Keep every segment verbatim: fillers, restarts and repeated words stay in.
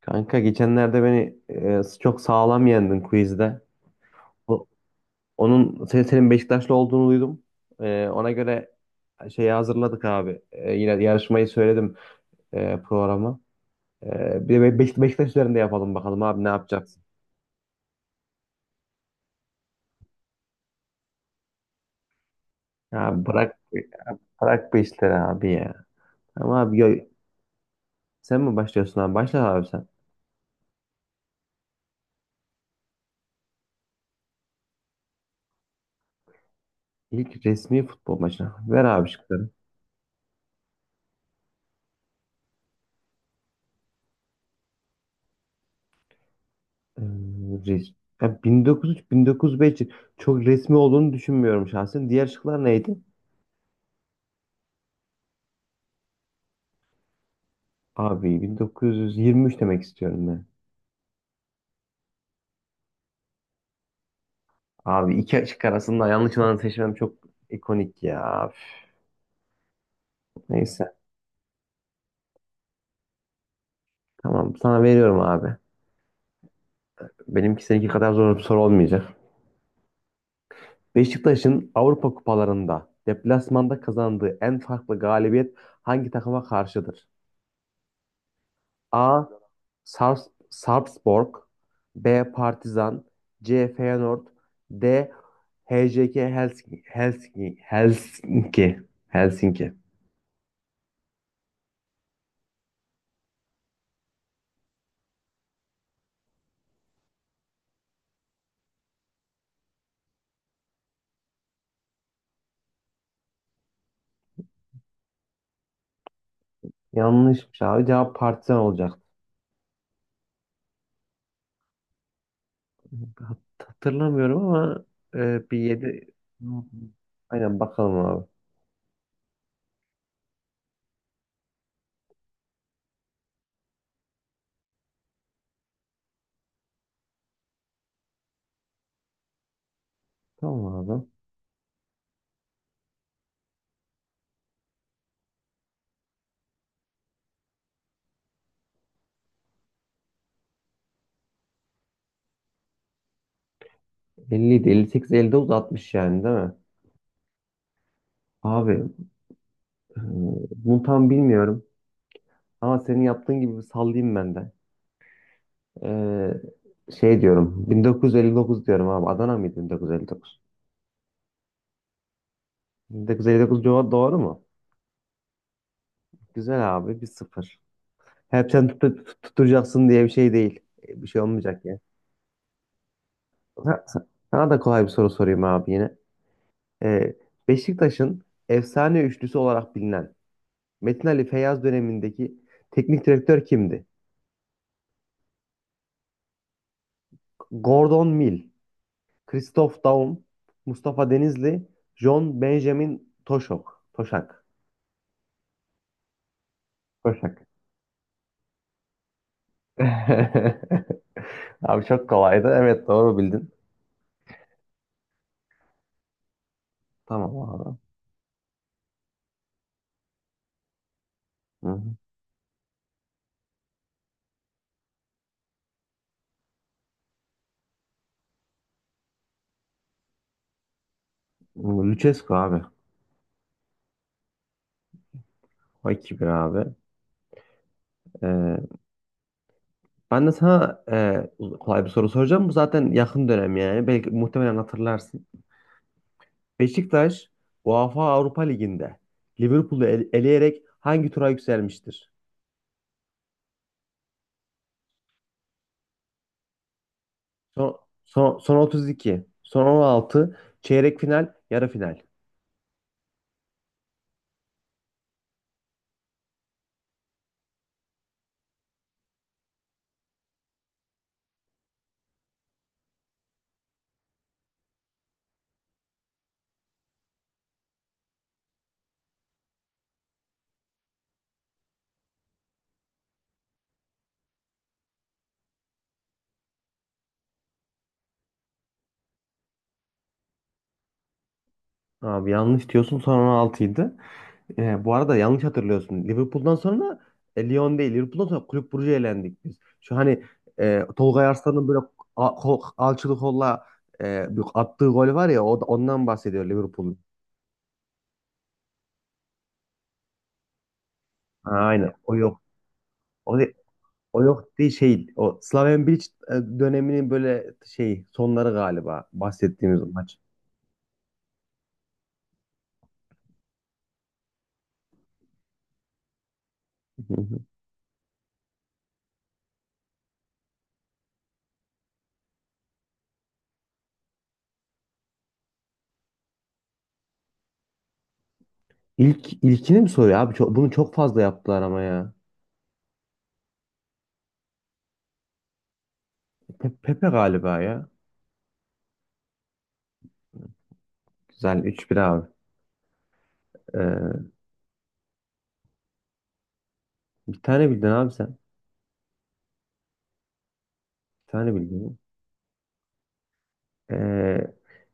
Kanka geçenlerde beni e, çok sağlam yendin quizde. O- Onun senin, senin Beşiktaşlı olduğunu duydum. E, ona göre şeyi hazırladık abi. E, yine yarışmayı söyledim, e, programı. E, bir de Beş- Beşiktaş üzerinde yapalım bakalım abi, ne yapacaksın? Ya bırak bırak bu işleri abi ya. Ama abi, yo- sen mi başlıyorsun abi? Başla abi sen. İlk resmi futbol maçına. Ver abi şıkları. E, res- Ya bin dokuz yüz üç-bin dokuz yüz beş çok resmi olduğunu düşünmüyorum şahsen. Diğer şıklar neydi? Abi, bin dokuz yüz yirmi üç demek istiyorum ben. Abi, iki açık arasında yanlış olanı seçmem çok ikonik ya. Üf. Neyse. Tamam, sana veriyorum abi. Benimki seninki kadar zor bir soru olmayacak. Beşiktaş'ın Avrupa kupalarında deplasmanda kazandığı en farklı galibiyet hangi takıma karşıdır? A. Sars Sarpsborg. B. Partizan. C. Feyenoord. D. H J K Helsinki Helsinki Helsinki Helsinki Yanlışmış abi. Cevap Partizan olacaktı. Hat- Hatırlamıyorum ama e, bir yedi. Aynen bakalım abi. Tamam abi. elli elli sekiz, elli dokuz, altmış yani değil mi? Abi, e, bunu tam bilmiyorum. Ama senin yaptığın gibi bir sallayayım ben de. E, şey diyorum. bin dokuz yüz elli dokuz diyorum abi. Adana mıydı bin dokuz yüz elli dokuz? bin dokuz yüz elli dokuz cevap doğru mu? Güzel abi. Bir sıfır. Hep sen tut- tut- tutturacaksın diye bir şey değil. E, Bir şey olmayacak. Ha- Sana da kolay bir soru sorayım abi yine. Ee, Beşiktaş'ın efsane üçlüsü olarak bilinen Metin Ali Feyyaz dönemindeki teknik direktör kimdi? Gordon Mill, Christoph Daum, Mustafa Denizli, John Benjamin Toşok. Toşak. Toşak. Abi çok kolaydı. Evet, doğru bildin. Tamam abi. Hı hı. Lucescu abi. O iki bir abi. Ee, Ben de sana e, kolay bir soru soracağım. Bu zaten yakın dönem yani. Belki muhtemelen hatırlarsın. Beşiktaş UEFA Avrupa Ligi'nde Liverpool'u ele- eleyerek hangi tura yükselmiştir? Son, son, Son otuz iki, son on altı, çeyrek final, yarı final. Abi, yanlış diyorsun, son on altıydı. Ee, bu arada yanlış hatırlıyorsun. Liverpool'dan sonra e, Lyon değil. Liverpool'dan sonra Kulüp Brugge'ye elendik biz. Şu hani, e, Tolga Arslan'ın böyle a- kol- alçılı kolla e, bir attığı gol var ya, o da- ondan bahsediyor Liverpool'un. Ha, aynen. O yok. O, de- o yok değil şey. O Slaven Bilic e, döneminin böyle şey sonları galiba bahsettiğimiz maç. Hı hı. İlk ilkini mi soruyor abi? Çok, bunu çok fazla yaptılar ama ya. Pe- Pepe galiba ya. Güzel, üç bir abi. Ee, Bir tane bildin abi sen. Bir tane bildiğim. Ee,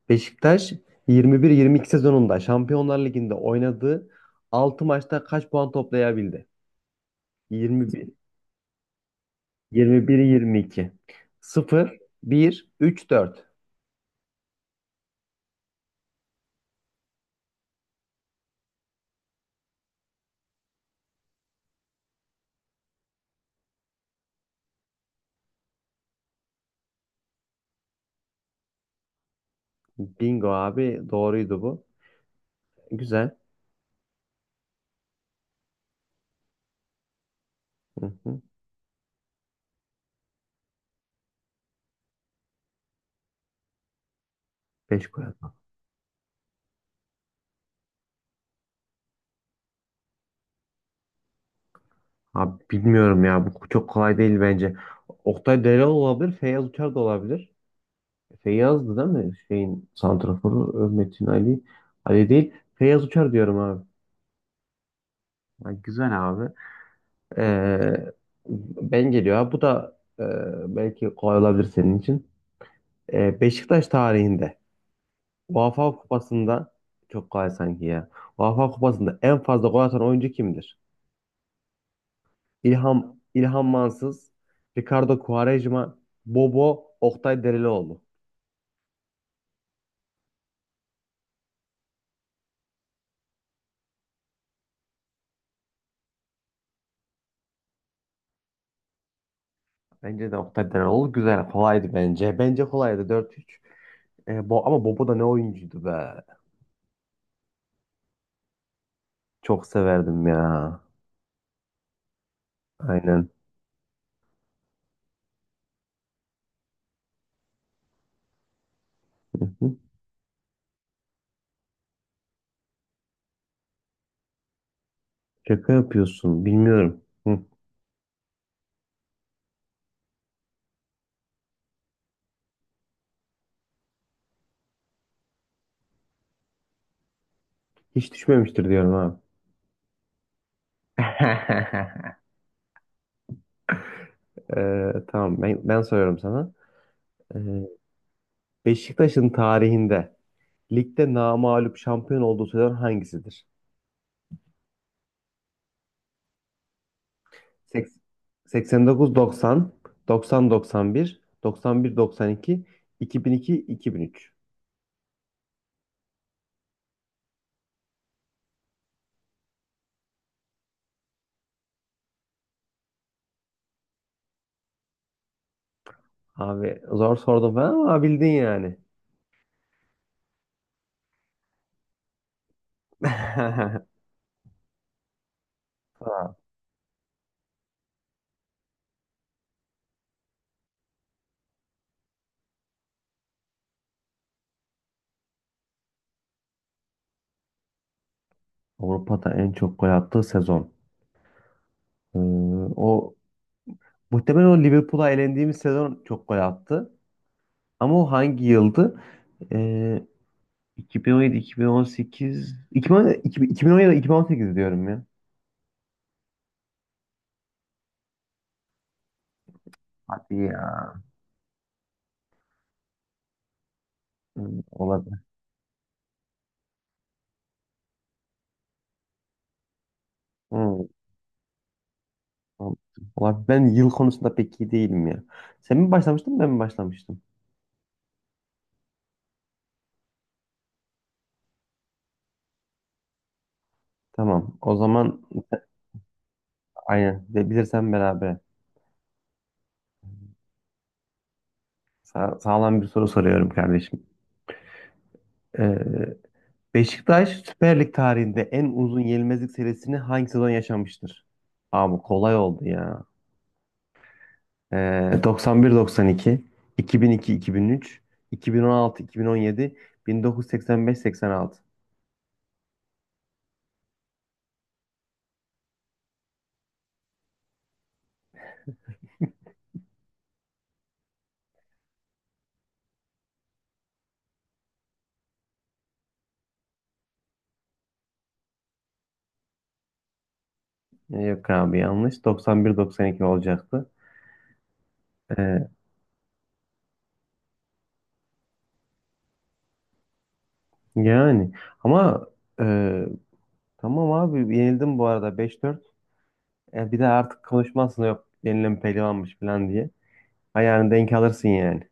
Beşiktaş yirmi bir yirmi iki sezonunda Şampiyonlar Ligi'nde oynadığı altı maçta kaç puan toplayabildi? yirmi bir, yirmi bir yirmi iki, sıfır, bir, üç, dört. Bingo abi, doğruydu bu. Güzel. Hı hı. Beş gol atmak. Abi bilmiyorum ya, bu çok kolay değil bence. Oktay Delal olabilir, Feyyaz Uçar da olabilir. Feyyaz'dı değil mi? Şeyin santraforu, e, Metin Ali. Ali değil. Feyyaz Uçar diyorum abi. Ya güzel abi. Ee, Ben geliyor abi. Bu da, e, belki kolay olabilir senin için. Ee, Beşiktaş tarihinde UEFA Kupası'nda çok kolay sanki ya. UEFA Kupası'nda en fazla gol atan oyuncu kimdir? İlham, İlhan Mansız, Ricardo Quaresma, Bobo, Oktay Derelioğlu. Bence de Oktay Derelioğlu güzel. Kolaydı bence. Bence kolaydı, dört üç. E, Bo Ama Bobo da ne oyuncuydu be. Çok severdim ya. Aynen. Hı, Şaka yapıyorsun. Bilmiyorum. Hı, Hiç düşmemiştir diyorum ha. Ee, tamam, ben, ben soruyorum sana. Ee, Beşiktaş'ın tarihinde ligde namağlup şampiyon olduğu sezon hangisidir? Seks- seksen dokuz doksan, doksan doksan bir, doksan bir doksan iki, iki bin iki-iki bin üç. Abi, zor sordum ben ama bildin yani. Ha, Avrupa'da en çok gol attığı sezon. Ee, O muhtemelen o Liverpool'a elendiğimiz sezon çok gol attı. Ama o hangi yıldı? Ee, iki bin on yedi, iki bin on sekiz, iki bin on yedi, iki bin on sekiz diyorum ya. Hadi ya. Hı, olabilir. Hı. Tamam. Valla ben yıl konusunda pek iyi değilim ya. Sen mi başlamıştın, ben mi başlamıştım? Tamam, o zaman aynen, de bilirsen beraber. Sa- sağlam bir soru soruyorum kardeşim. Ee, Beşiktaş Süper Lig tarihinde en uzun yenilmezlik serisini hangi sezon yaşamıştır? Abi kolay oldu ya. Ee, doksan bir doksan iki, iki bin iki-iki bin üç, iki bin on altı-iki bin on yedi, bin dokuz yüz seksen beş-seksen altı. Ee, Yok abi, yanlış. doksan bir doksan iki olacaktı. Ee, Yani ama e, tamam abi, yenildim bu arada beş dört. Ya bir de artık konuşmazsın, yok yenilen pehlivanmış falan diye. Ayağını denk alırsın yani.